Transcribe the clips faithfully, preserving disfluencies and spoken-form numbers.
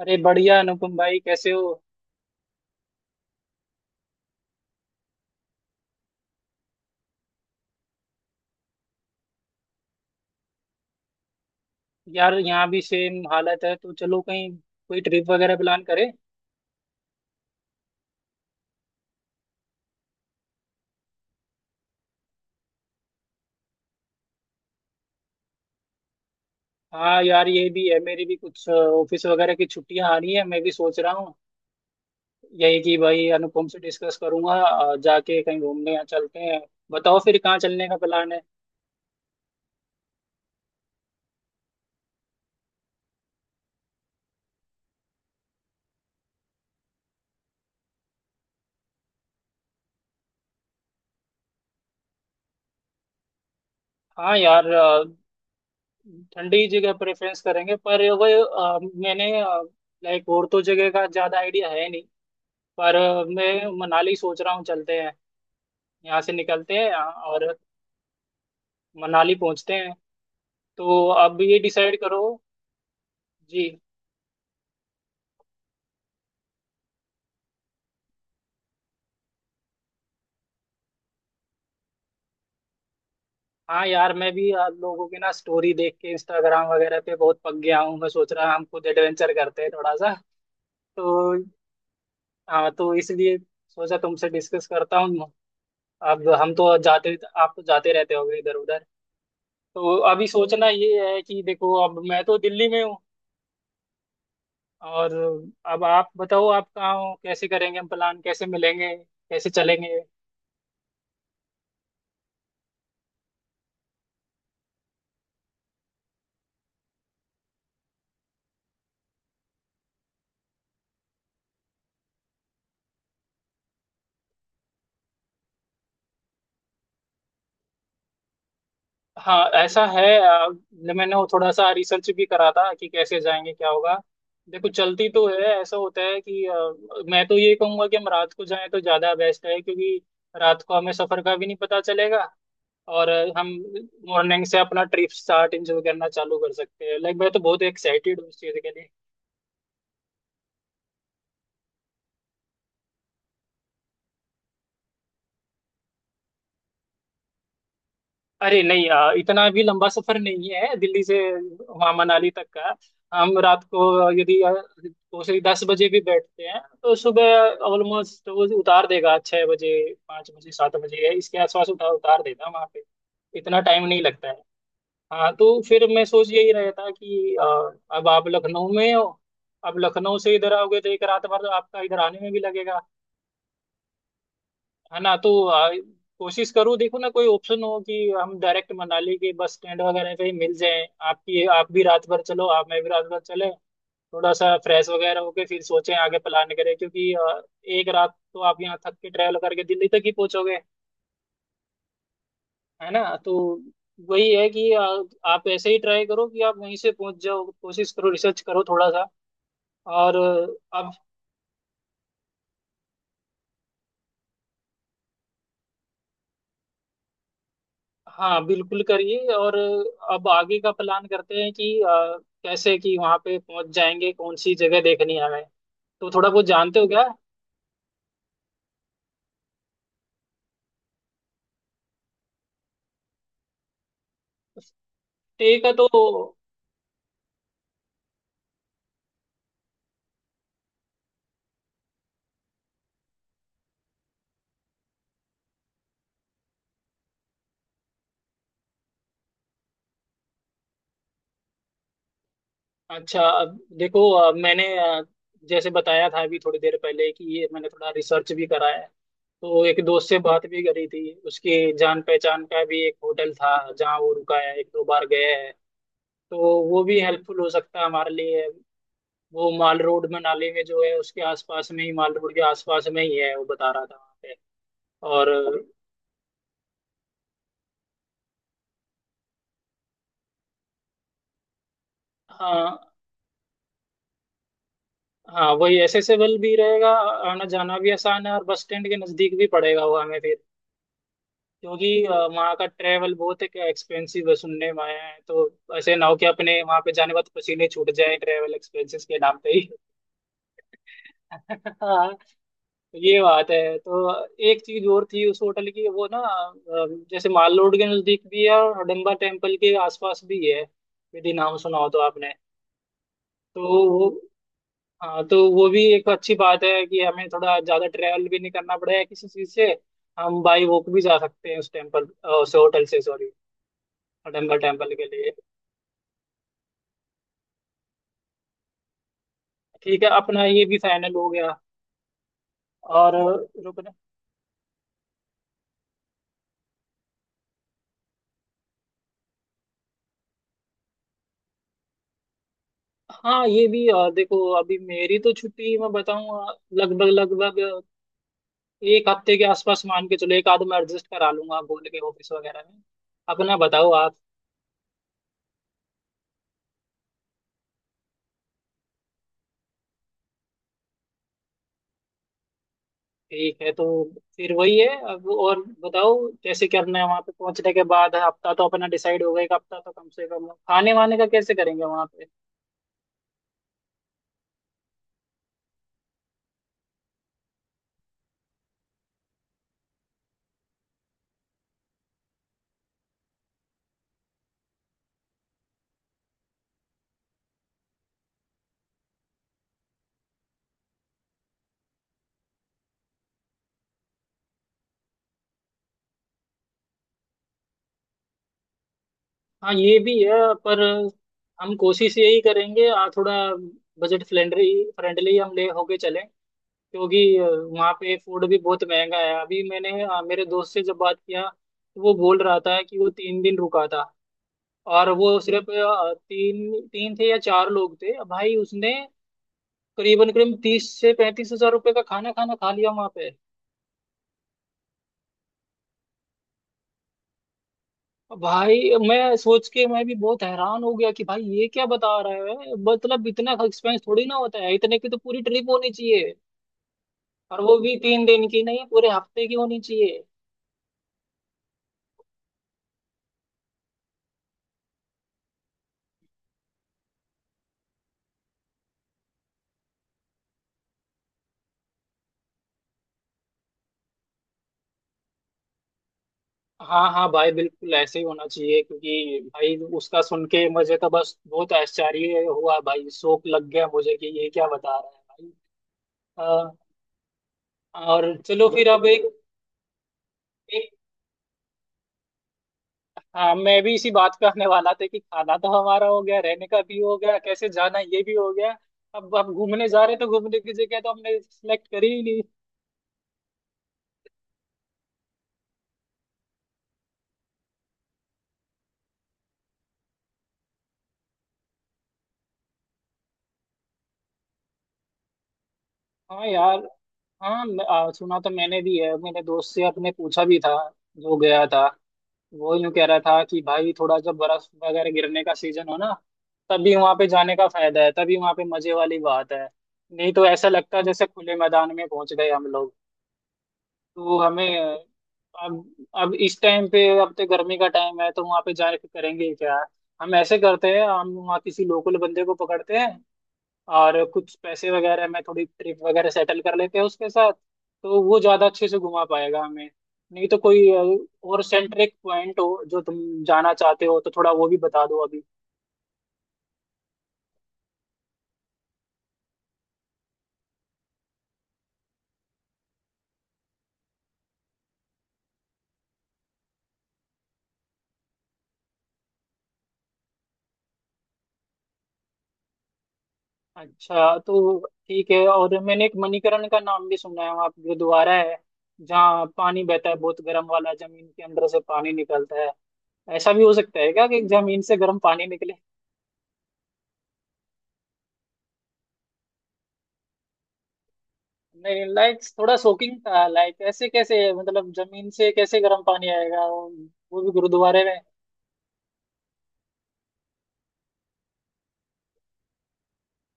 अरे बढ़िया अनुपम भाई, कैसे हो? यार, यहाँ भी सेम हालत है, तो चलो कहीं कोई ट्रिप वगैरह प्लान करें। हाँ यार, ये भी है, मेरी भी कुछ ऑफिस वगैरह की छुट्टियां आ रही है, मैं भी सोच रहा हूँ यही कि भाई अनुपम से डिस्कस करूंगा, अ, जाके कहीं घूमने या चलते हैं। बताओ फिर कहाँ चलने का प्लान है? हाँ यार, अ, ठंडी जगह प्रेफरेंस करेंगे, पर वही अ, मैंने, लाइक, और तो जगह का ज्यादा आइडिया है नहीं। पर अ, मैं मनाली सोच रहा हूँ, चलते हैं, यहाँ से निकलते हैं, अ, और मनाली पहुंचते हैं, तो अब ये डिसाइड करो। जी। हाँ यार, मैं भी आप लोगों की ना स्टोरी देख के इंस्टाग्राम वगैरह पे बहुत पक गया हूँ, मैं सोच रहा हम खुद एडवेंचर करते हैं थोड़ा सा। तो हाँ, तो इसलिए सोचा तुमसे डिस्कस करता हूँ। अब हम तो जाते, आप तो जाते रहते होगे इधर उधर। तो अभी सोचना ये है कि देखो, अब मैं तो दिल्ली में हूँ, और अब आप बताओ, आप कहाँ हो, कैसे करेंगे हम प्लान, कैसे मिलेंगे, कैसे चलेंगे? हाँ ऐसा है, अ, मैंने वो थोड़ा सा रिसर्च भी करा था कि कैसे जाएंगे, क्या होगा। देखो, चलती तो है, ऐसा होता है कि अ, मैं तो ये कहूंगा कि हम रात को जाएं तो ज्यादा बेस्ट है, क्योंकि रात को हमें सफर का भी नहीं पता चलेगा, और अ, हम मॉर्निंग से अपना ट्रिप स्टार्ट, एंजॉय करना चालू कर सकते हैं। लाइक, मैं तो बहुत एक्साइटेड हूँ इस चीज के लिए। अरे नहीं, आ, इतना भी लंबा सफर नहीं है दिल्ली से वहाँ मनाली तक का। हम रात को यदि आ, दो से दस बजे भी बैठते हैं, तो सुबह ऑलमोस्ट वो उतार देगा, छः बजे, पाँच बजे, सात बजे, इसके आसपास उतार उतार देगा वहाँ पे। इतना टाइम नहीं लगता है। हाँ, तो फिर मैं सोच यही रहा था कि आ, अब आप लखनऊ में हो, अब लखनऊ से इधर आओगे तो एक रात भर तो आपका इधर आने में भी लगेगा, है ना? तो आ, कोशिश करो, देखो ना कोई ऑप्शन हो कि हम डायरेक्ट मनाली के बस स्टैंड वगैरह पे ही मिल जाएं, आपकी आप भी रात भर चलो, आप मैं भी रात भर चले, थोड़ा सा फ्रेश वगैरह होके फिर सोचें, आगे प्लान करें, क्योंकि अ, एक रात तो आप यहाँ थक के ट्रैवल करके दिल्ली तक ही पहुंचोगे, है ना। तो वही है कि अ, आप ऐसे ही ट्राई करो कि आप वहीं से पहुंच जाओ, कोशिश करो, रिसर्च करो थोड़ा सा। और अ, आप, हाँ बिल्कुल करिए। और अब आगे का प्लान करते हैं कि अ, कैसे कि वहां पे पहुंच जाएंगे, कौन सी जगह देखनी है हमें, तो थोड़ा बहुत जानते हो क्या? स्टे का तो, अच्छा, अब देखो, अ, मैंने, अ, जैसे बताया था अभी थोड़ी देर पहले कि ये मैंने थोड़ा रिसर्च भी करा है, तो एक दोस्त से बात भी करी थी, उसके जान पहचान का भी एक होटल था जहाँ वो रुका है, एक दो बार गया है। तो वो भी हेल्पफुल हो सकता है हमारे लिए। वो माल रोड में, नाले में जो है उसके आसपास में ही, माल रोड के आसपास में ही है, वो बता रहा था वहाँ पे। और हाँ, हाँ वही एसेसेबल भी रहेगा, आना जाना भी आसान है, और बस स्टैंड के नज़दीक भी पड़ेगा वो हमें, फिर क्योंकि अ, वहाँ का ट्रेवल बहुत एक एक्सपेंसिव है, सुनने में आया है। तो ऐसे ना हो कि अपने वहाँ पे जाने के बाद पसीने छूट जाए ट्रेवल एक्सपेंसेस के नाम पे ही। ये बात है। तो एक चीज और थी उस होटल की, वो ना अ, जैसे माल रोड के नजदीक भी है और हडम्बा टेम्पल के आसपास भी है, यदि नाम सुना हो तो आपने। तो वो, हाँ, तो वो भी एक अच्छी बात है कि हमें थोड़ा ज्यादा ट्रैवल भी नहीं करना पड़ेगा किसी चीज से, हम बाई वॉक भी जा सकते हैं उस टेम्पल, अ, उस होटल से, सॉरी, हडम्बा टेम्पल के लिए। ठीक है, अपना ये भी फाइनल हो गया। और रुकना, हाँ, ये भी, अ, देखो अभी मेरी तो छुट्टी, मैं बताऊँ, लगभग लगभग एक हफ्ते के आसपास मान के चलो, एक आध मैं एडजस्ट करा लूंगा बोल के ऑफिस वगैरह में। अपना बताओ आप। ठीक है, तो फिर वही है, अब और बताओ, कैसे करना है वहां पे पहुंचने के बाद। हफ्ता तो अपना डिसाइड हो गया, एक हफ्ता तो कम से कम। खाने वाने का कैसे करेंगे वहां पे? हाँ, ये भी है, पर हम कोशिश यही करेंगे आ, थोड़ा बजट फ्रेंडली फ्रेंडली हम ले होके चलें, क्योंकि वहाँ पे फूड भी बहुत महंगा है। अभी मैंने अ, मेरे दोस्त से जब बात किया, तो वो बोल रहा था कि वो तीन दिन रुका था, और वो सिर्फ, अ, तीन तीन थे या चार लोग थे भाई, उसने करीबन करीब तीस से पैंतीस हजार रुपए का खाना खाना खा लिया वहां पे। भाई, मैं सोच के मैं भी बहुत हैरान हो गया कि भाई ये क्या बता रहा है, मतलब इतना एक्सपेंस थोड़ी ना होता है, इतने की तो पूरी ट्रिप होनी चाहिए, और वो भी तीन दिन की नहीं, पूरे हफ्ते की होनी चाहिए। हाँ हाँ भाई, बिल्कुल ऐसे ही होना चाहिए, क्योंकि भाई उसका सुन के मुझे तो बस बहुत आश्चर्य हुआ भाई, शौक लग गया मुझे कि ये क्या बता रहा है भाई। और चलो फिर अब एक, एक हाँ, मैं भी इसी बात पे आने वाला था कि खाना तो हमारा हो गया, रहने का भी हो गया, कैसे जाना, ये भी हो गया। अब अब घूमने जा रहे, तो घूमने की जगह तो हमने सिलेक्ट करी ही नहीं। हाँ यार, हाँ, मैं- आ, सुना तो मैंने भी है, मैंने दोस्त से अपने पूछा भी था जो गया था, वो यूं कह रहा था कि भाई, थोड़ा जब बर्फ वगैरह गिरने का सीजन हो ना, तभी वहां पे जाने का फायदा है, तभी वहां पे मजे वाली बात है। नहीं तो ऐसा लगता है जैसे खुले मैदान में पहुंच गए हम लोग। तो हमें, अब अब इस टाइम पे अब तो गर्मी का टाइम है, तो वहां पे जाके करेंगे क्या? हम ऐसे करते हैं, हम वहाँ किसी लोकल बंदे को पकड़ते हैं और कुछ पैसे वगैरह में थोड़ी ट्रिप वगैरह सेटल कर लेते हैं उसके साथ, तो वो ज्यादा अच्छे से घुमा पाएगा हमें। नहीं तो कोई अ, और सेंट्रिक पॉइंट हो जो तुम जाना चाहते हो, तो थोड़ा वो भी बता दो अभी। अच्छा, तो ठीक है। और मैंने एक मणिकरण का नाम भी सुना है, वहाँ पे गुरुद्वारा है जहाँ पानी बहता है, बहुत गर्म वाला, जमीन के अंदर से पानी निकलता है। ऐसा भी हो सकता है क्या कि जमीन से गर्म पानी निकले? नहीं, लाइक थोड़ा शॉकिंग था, लाइक ऐसे कैसे, मतलब जमीन से कैसे गर्म पानी आएगा, वो वो भी गुरुद्वारे में?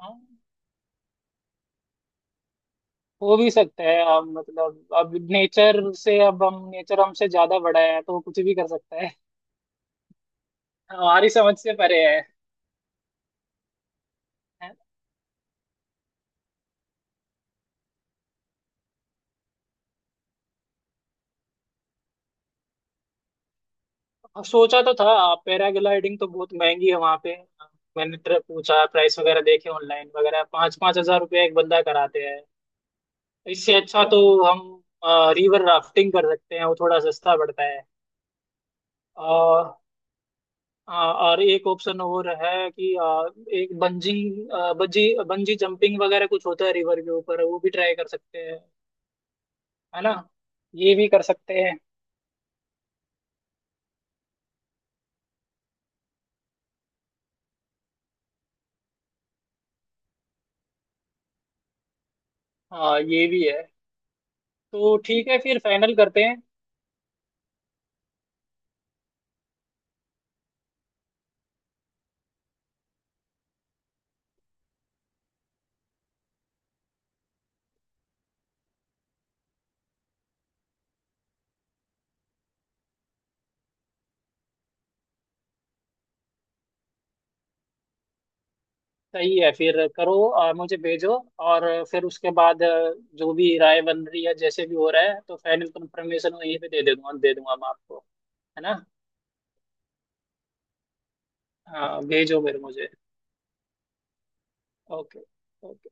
हाँ, हो भी सकता है, अब मतलब, अब नेचर से, अब हम, नेचर हमसे ज्यादा बड़ा है, तो वो कुछ भी कर सकता है। हाँ, हमारी समझ से परे है। अब सोचा तो था, पैराग्लाइडिंग तो बहुत महंगी है वहां पे, मैंने ट्र- पूछा, प्राइस वगैरह देखे ऑनलाइन वगैरह, पाँच पाँच हजार रुपये एक बंदा कराते हैं। इससे अच्छा तो हम रिवर राफ्टिंग कर सकते हैं, वो थोड़ा सस्ता पड़ता है। और हाँ, और एक ऑप्शन और है कि अ, एक बंजिंग अ, बंजी बंजी जंपिंग वगैरह कुछ होता है रिवर के ऊपर, वो भी ट्राई कर सकते हैं। है ना, ये भी कर सकते हैं। हाँ, ये भी है, तो ठीक है, फिर फाइनल करते हैं। सही है, फिर करो और मुझे भेजो। और फिर उसके बाद, अ, जो भी राय बन रही है, जैसे भी हो रहा है, तो फाइनल कंफर्मेशन वहीं पे दे दे दूंगा दे दूंगा मैं आपको, है ना। हाँ, भेजो फिर मुझे। ओके। ओके।